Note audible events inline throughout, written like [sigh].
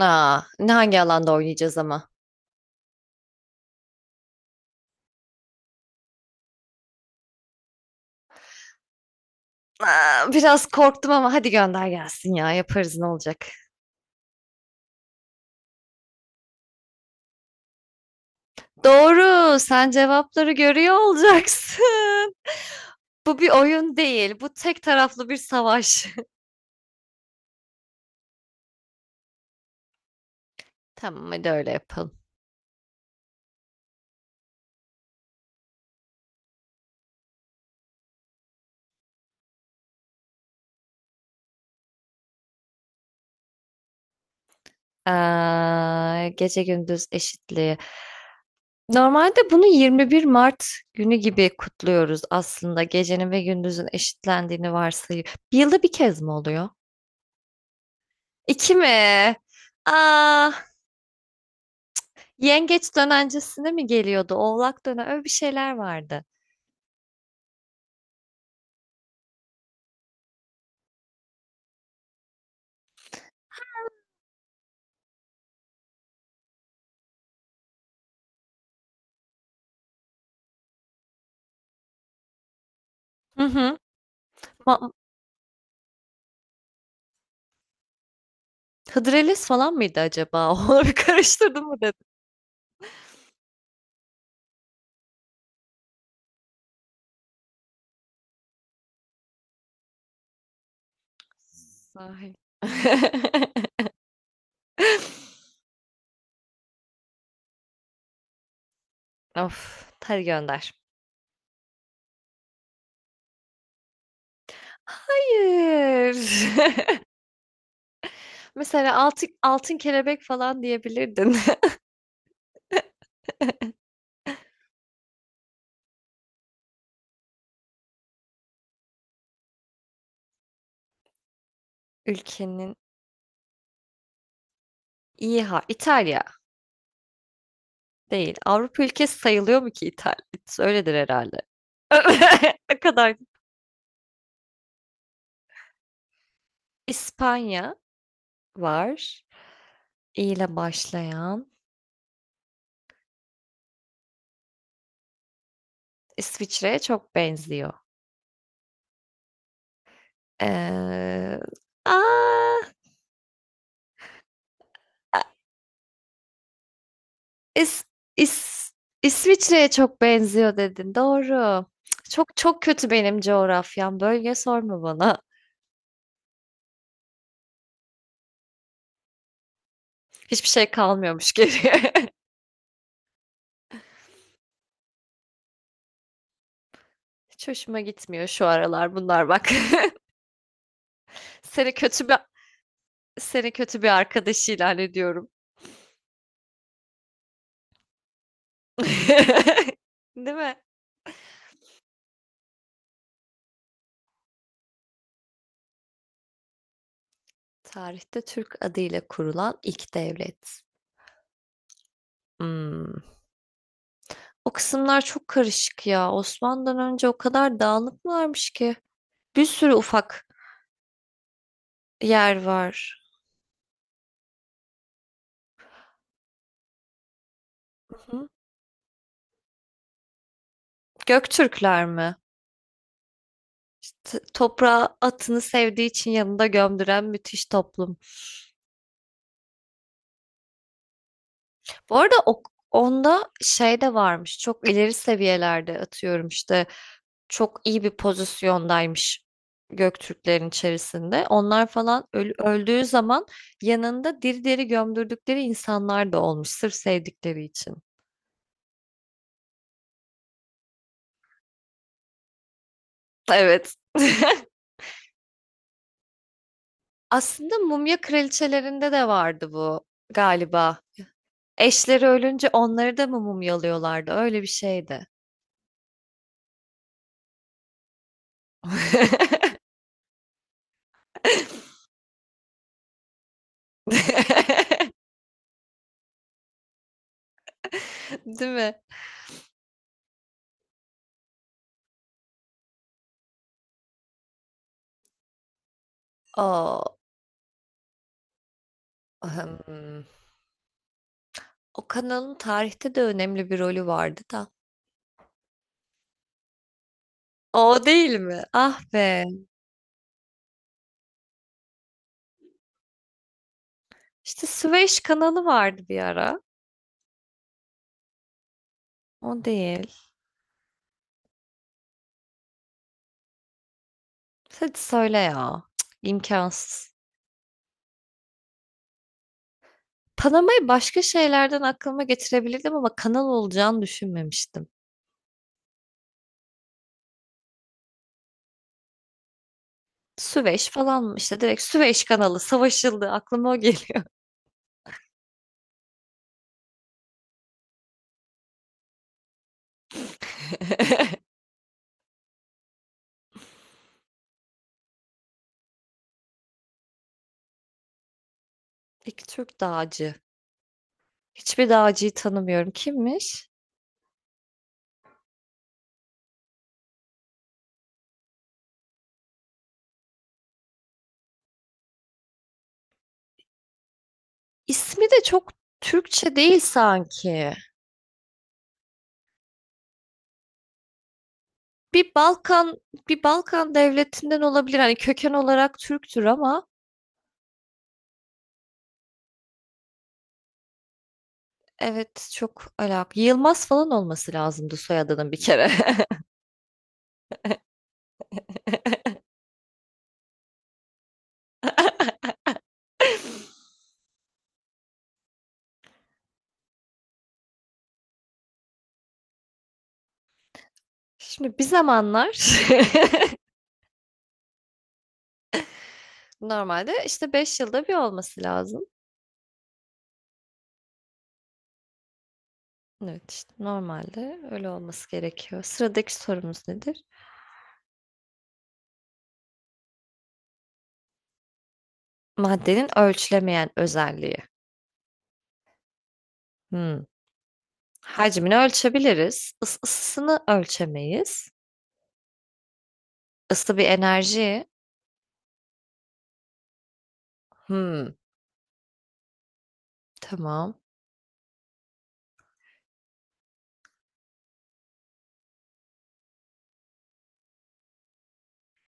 Aa, ne hangi alanda oynayacağız ama? Aa, biraz korktum ama hadi gönder gelsin ya yaparız ne olacak. Doğru, sen cevapları görüyor olacaksın. [laughs] Bu bir oyun değil, bu tek taraflı bir savaş. [laughs] Tamam hadi öyle yapalım. Aa, gece gündüz eşitliği. Normalde bunu 21 Mart günü gibi kutluyoruz aslında. Gecenin ve gündüzün eşitlendiğini varsayıyor. Bir yılda bir kez mi oluyor? İki mi? Aa, Yengeç dönencesine mi geliyordu? Oğlak dönen öyle bir şeyler vardı. Hı hı. Ma Hıdrellez falan mıydı acaba? [laughs] Onları bir karıştırdım mı dedim. Sahil. [laughs] Of, hadi gönder. Hayır. [laughs] Mesela altın kelebek falan diyebilirdin. [laughs] Ülkenin iyi ha İtalya değil. Avrupa ülkesi sayılıyor mu ki İtalya? Öyledir herhalde. [laughs] Ne kadar İspanya var. İ ile başlayan İsviçre'ye çok benziyor. Eee, aaa! A İs İs İsviçre'ye çok benziyor dedin, doğru. Cık, Çok kötü benim coğrafyam, bölge sorma bana. Hiçbir şey kalmıyormuş geriye. [laughs] Hiç hoşuma gitmiyor şu aralar bunlar bak. [laughs] Seni kötü bir Seni kötü bir arkadaş ilan ediyorum. [laughs] Değil mi? Tarihte Türk adıyla kurulan ilk devlet. Hımm. O kısımlar çok karışık ya. Osmanlı'dan önce o kadar dağınık mı varmış ki? Bir sürü ufak yer var. Hı? Göktürkler mi? İşte toprağa atını sevdiği için yanında gömdüren müthiş toplum. Bu arada onda şey de varmış. Çok ileri seviyelerde atıyorum işte. Çok iyi bir pozisyondaymış Göktürklerin içerisinde. Onlar falan öldüğü zaman yanında diri diri gömdürdükleri insanlar da olmuş sırf sevdikleri için. Evet. [laughs] Aslında Mumya Kraliçelerinde de vardı bu galiba. Eşleri ölünce onları da mı mumyalıyorlardı? Öyle bir şeydi. [laughs] Değil mi? O, hmm, O kanalın tarihte de önemli bir rolü vardı da. O değil mi? Ah be. İşte Süveyş kanalı vardı bir ara. O değil. Hadi söyle ya. Cık, imkansız. Panamayı başka şeylerden aklıma getirebilirdim ama kanal olacağını düşünmemiştim. Süveyş falan işte direkt Süveyş kanalı savaşıldı aklıma o geliyor. [laughs] Peki Türk dağcı. Hiçbir dağcıyı tanımıyorum. Kimmiş? İsmi de çok Türkçe değil sanki. Bir Balkan Bir Balkan devletinden olabilir. Hani köken olarak Türktür ama evet çok alakalı. Yılmaz falan olması lazımdı soyadının bir kere. [laughs] Şimdi bir zamanlar. [laughs] Normalde, işte, 5 yılda bir olması lazım. Evet, işte, normalde öyle olması gerekiyor. Sıradaki sorumuz nedir? Maddenin ölçülemeyen özelliği. Hımm. Hacmini ölçebiliriz. Isısını ölçemeyiz. Isı bir enerji. Hımm, tamam.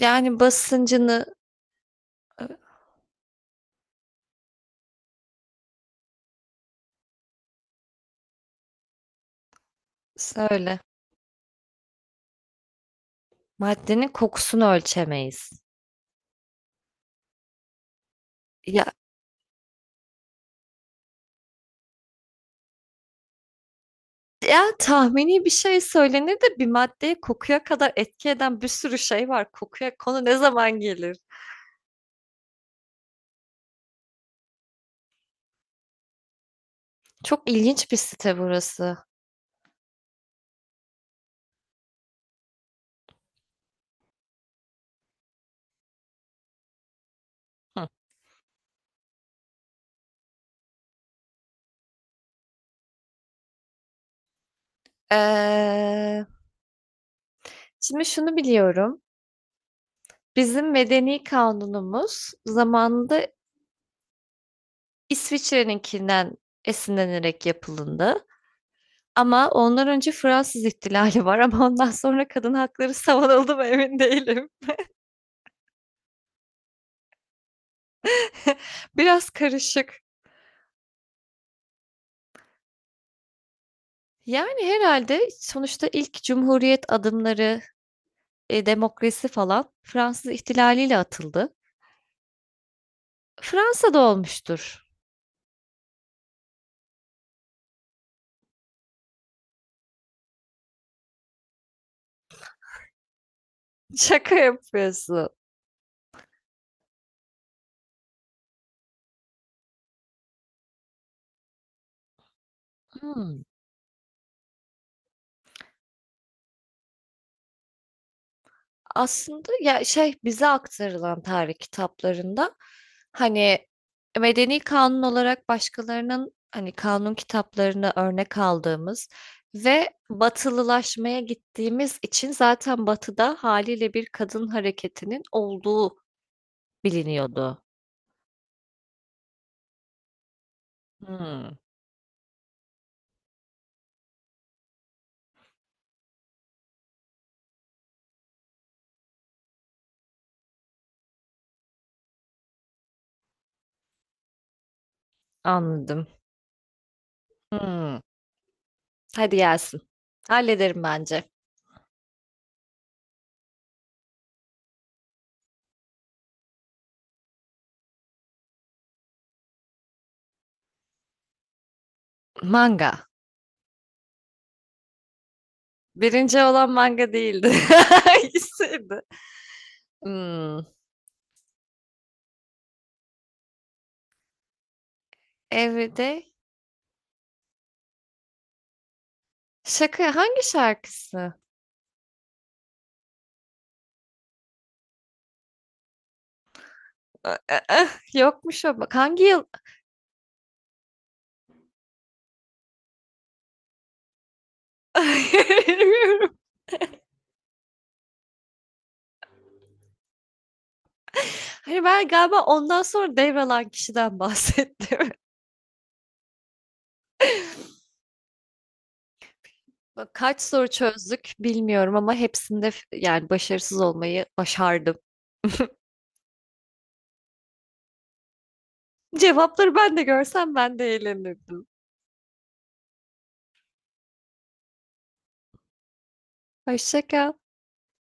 Yani, basıncını ı söyle. Maddenin kokusunu ölçemeyiz. Ya Ya, tahmini bir şey söylenir de bir maddeye kokuya kadar etki eden bir sürü şey var. Kokuya konu ne zaman gelir? Çok ilginç bir site burası. Hı. Eee, şimdi şunu biliyorum. Bizim medeni kanunumuz zamanında İsviçre'ninkinden esinlenerek yapıldı. Ama ondan önce Fransız ihtilali var ama ondan sonra kadın hakları savunuldu mu emin değilim. Biraz karışık. Yani herhalde sonuçta ilk cumhuriyet adımları, e, demokrasi falan Fransız ihtilaliyle atıldı. Fransa'da olmuştur. Şaka yapıyorsun. Hmm. Aslında ya, şey, bize aktarılan tarih kitaplarında, hani, medeni kanun olarak başkalarının, hani, kanun kitaplarını örnek aldığımız ve batılılaşmaya gittiğimiz için zaten Batı'da haliyle bir kadın hareketinin olduğu biliniyordu. Hımm, anladım. Hımm. Hadi gelsin. Hallederim bence. Manga. Birinci olan manga değildi. [laughs] Hangisiydi? Hımm. Evde şaka hangi şarkısı? A a ah, yokmuş o bak. Hangi yıl? [laughs] Bilmiyorum. Hani ben galiba ondan sonra devralan kişiden bahsettim. [laughs] Bak kaç soru çözdük bilmiyorum ama hepsinde f yani başarısız olmayı başardım. Cevapları ben de görsem ben de eğlenirdim. Hoşça kal.